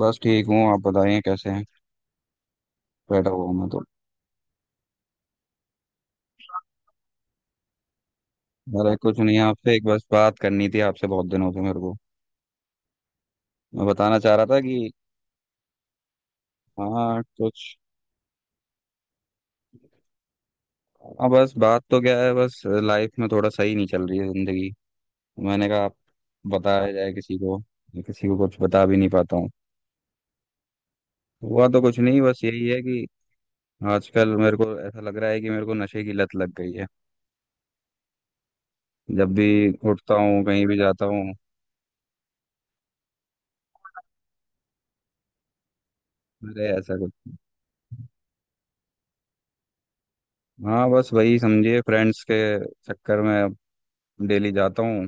बस ठीक हूँ। आप बताइए कैसे हैं। बैठा हुआ हूँ मैं तो। अरे कुछ नहीं, आपसे एक बस बात करनी थी। आपसे बहुत दिनों से मेरे को मैं बताना चाह रहा था कि। हाँ कुछ। हाँ, बस बात तो क्या है, बस लाइफ में थोड़ा सही नहीं चल रही है जिंदगी। मैंने कहा आप। बताया जाए किसी को, मैं किसी को कुछ बता भी नहीं पाता हूँ। हुआ तो कुछ नहीं, बस यही है कि आजकल मेरे को ऐसा लग रहा है कि मेरे को नशे की लत लग गई है। जब भी उठता हूँ, कहीं भी जाता हूँ। अरे ऐसा कुछ। हाँ, बस वही समझिए, फ्रेंड्स के चक्कर में डेली जाता हूँ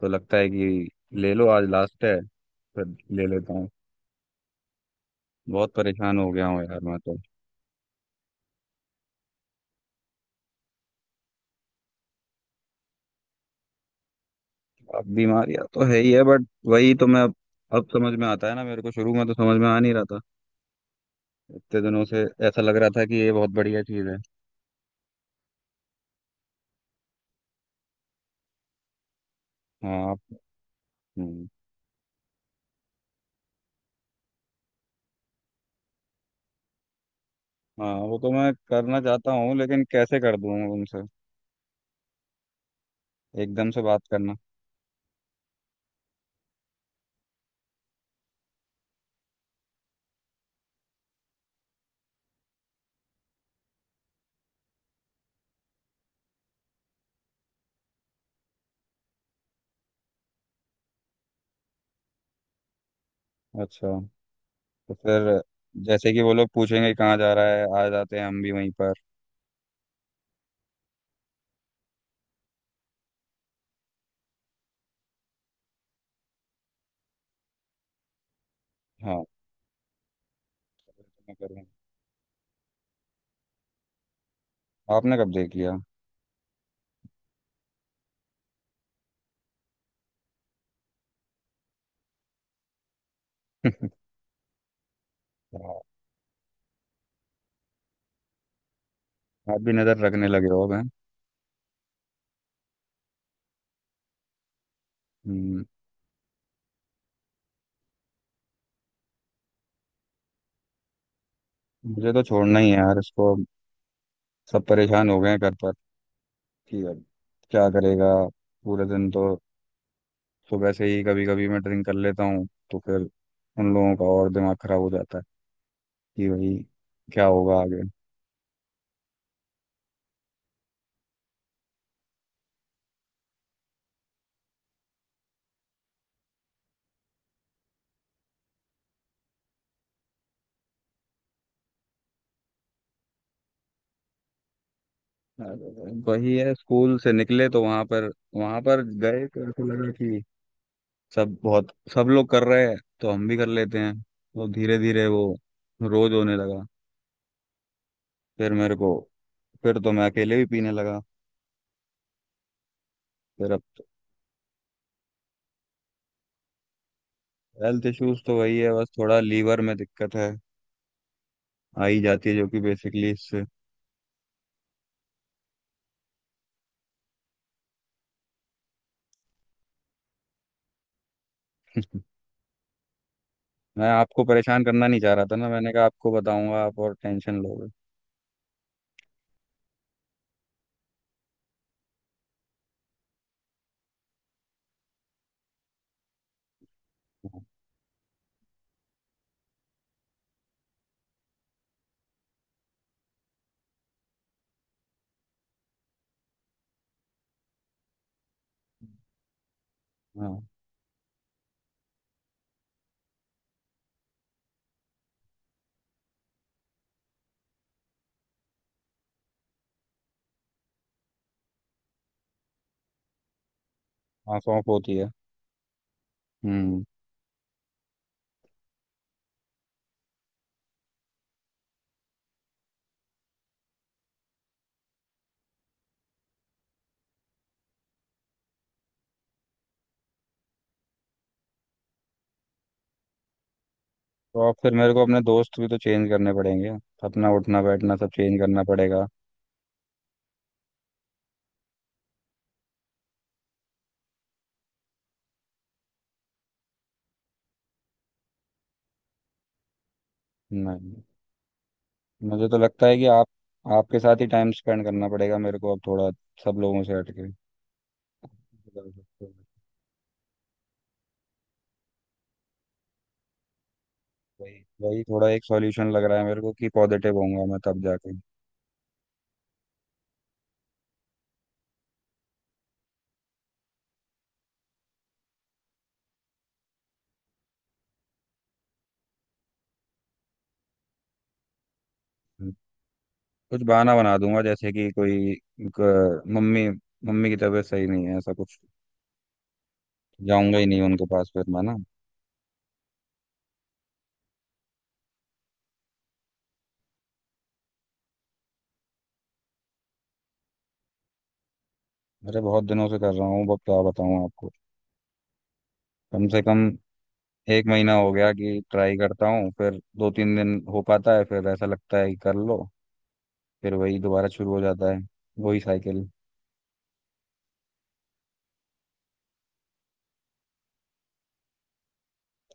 तो लगता है कि ले लो, आज लास्ट है, फिर ले लेता हूँ। बहुत परेशान हो गया हूँ यार मैं तो। अब बीमारियां तो है ही है, बट वही तो मैं अब। अब समझ में आता है ना मेरे को, शुरू में तो समझ में आ नहीं रहा था। इतने दिनों से ऐसा लग रहा था कि ये बहुत बढ़िया चीज़ है। हाँ आप-। हम्म, हाँ वो तो मैं करना चाहता हूँ लेकिन कैसे कर दूँ उनसे एकदम से बात करना। अच्छा। तो फिर जैसे कि वो लोग पूछेंगे कहाँ जा रहा है, आ जाते हैं हम भी वहीं पर। हाँ, तो मैं करूँगा। आपने कब देख लिया। आप भी नज़र रखने लगे हो अब, हैं? हम्म, मुझे तो छोड़ना ही है यार इसको। सब परेशान हो गए हैं घर पर कि अब क्या करेगा। पूरे दिन तो सुबह से ही कभी कभी मैं ड्रिंक कर लेता हूँ तो फिर उन लोगों का और दिमाग खराब हो जाता है कि भाई क्या होगा आगे। अरे, वही है, स्कूल से निकले तो वहां पर गए तो ऐसा लगा कि सब लोग कर रहे हैं तो हम भी कर लेते हैं, तो धीरे धीरे वो रोज होने लगा। फिर मेरे को फिर तो मैं अकेले भी पीने लगा। फिर अब हेल्थ इश्यूज तो वही है, बस थोड़ा लीवर में दिक्कत है आ ही जाती है जो कि बेसिकली इससे। मैं आपको परेशान करना नहीं चाह रहा था ना, मैंने कहा आपको बताऊंगा आप और टेंशन लोगे। हाँ। आँख ऑफ होती है। हम्म। तो आप फिर मेरे को अपने दोस्त भी तो चेंज करने पड़ेंगे, अपना उठना बैठना सब चेंज करना पड़ेगा। नहीं, मुझे तो लगता है कि आप आपके साथ ही टाइम स्पेंड करना पड़ेगा मेरे को अब थोड़ा, सब लोगों से हटके। वही वही थोड़ा एक सॉल्यूशन लग रहा है मेरे को कि पॉजिटिव होऊंगा मैं तब जाके। कुछ बहाना बना दूंगा, जैसे कि कोई मम्मी मम्मी की तबीयत सही नहीं है ऐसा कुछ। जाऊंगा ही नहीं उनके पास फिर मैं ना। अरे बहुत दिनों से कर रहा हूँ, अब क्या बताऊँ आपको। कम से कम एक महीना हो गया कि ट्राई करता हूँ, फिर दो तीन दिन हो पाता है, फिर ऐसा लगता है कि कर लो, फिर वही दोबारा शुरू हो जाता है। वही साइकिल।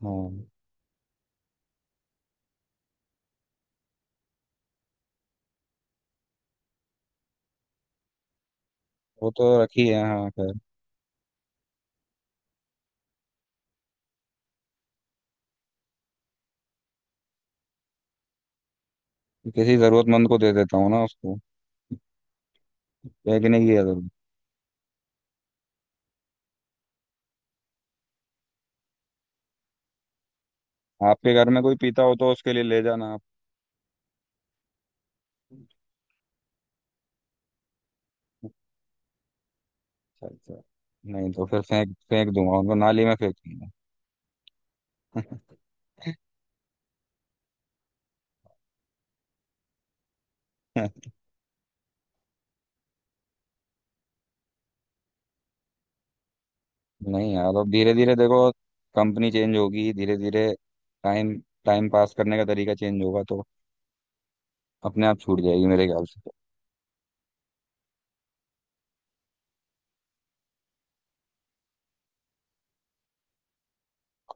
हाँ, वो तो रखी है हाँ, खैर। किसी जरूरतमंद को दे देता हूँ ना उसको। है कि नहीं किया जरूर। आपके घर में कोई पीता हो तो उसके लिए ले जाना। आप। अच्छा अच्छा। नहीं तो फिर फेंक फेंक दूंगा उनको, नाली में फेंक दूंगा। नहीं यार, अब धीरे धीरे देखो, कंपनी चेंज होगी, धीरे धीरे। टाइम टाइम पास करने का तरीका चेंज होगा तो अपने आप छूट जाएगी मेरे ख्याल से।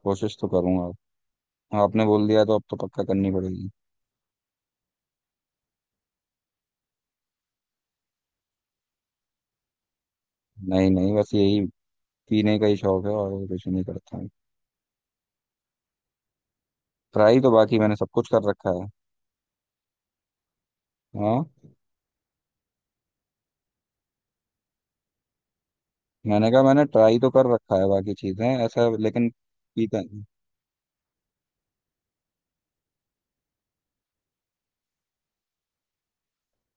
कोशिश तो करूंगा, आपने बोल दिया तो अब तो पक्का करनी पड़ेगी। नहीं नहीं, बस यही पीने का ही शौक है और कुछ नहीं करता हूँ। ट्राई तो बाकी मैंने सब कुछ कर रखा है। हाँ, मैंने कहा मैंने ट्राई तो कर रखा है बाकी चीजें ऐसा, लेकिन पीता नहीं।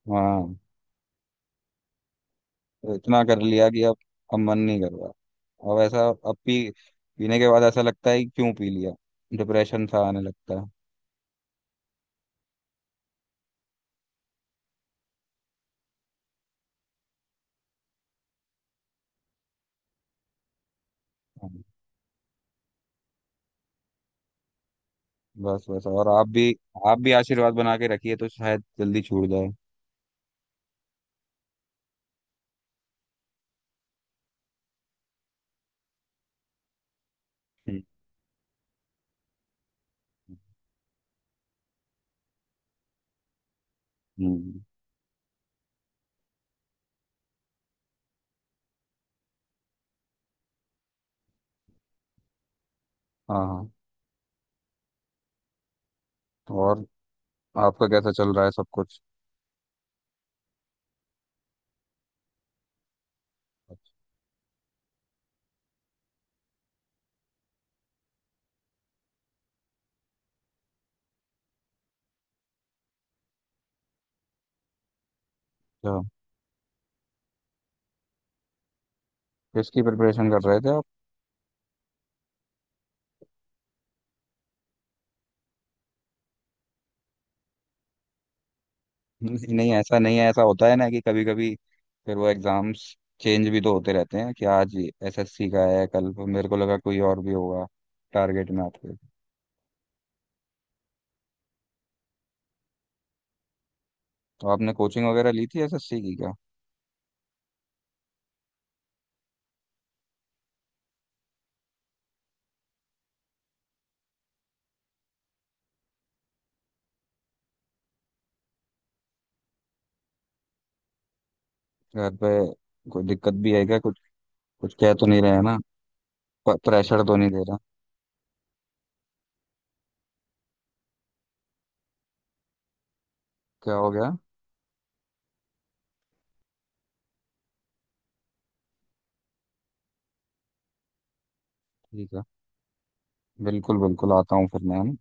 हाँ, तो इतना कर लिया कि अब मन नहीं कर रहा। अब ऐसा अब पी पीने के बाद ऐसा लगता है कि क्यों पी लिया, डिप्रेशन सा आने लगता है। हाँ, बस बस। और आप भी, आप भी आशीर्वाद बना के रखिए तो शायद जल्दी छूट जाए। हम्म। हम्म, हाँ हाँ। और आपका कैसा चल रहा है सब कुछ। अच्छा। किसकी प्रिपरेशन कर रहे थे आप। नहीं नहीं, ऐसा नहीं है, ऐसा होता है ना कि कभी कभी फिर वो एग्जाम्स चेंज भी तो होते रहते हैं कि आज एसएससी का है, कल मेरे को लगा कोई और भी होगा टारगेट में आपके। तो आपने कोचिंग वगैरह ली थी एसएससी की क्या। घर पे कोई दिक्कत भी है क्या कुछ, कुछ कह तो नहीं रहे हैं ना, प्रेशर तो नहीं दे रहा। क्या हो गया। ठीक है, बिल्कुल बिल्कुल आता हूँ फिर मैं, है ना?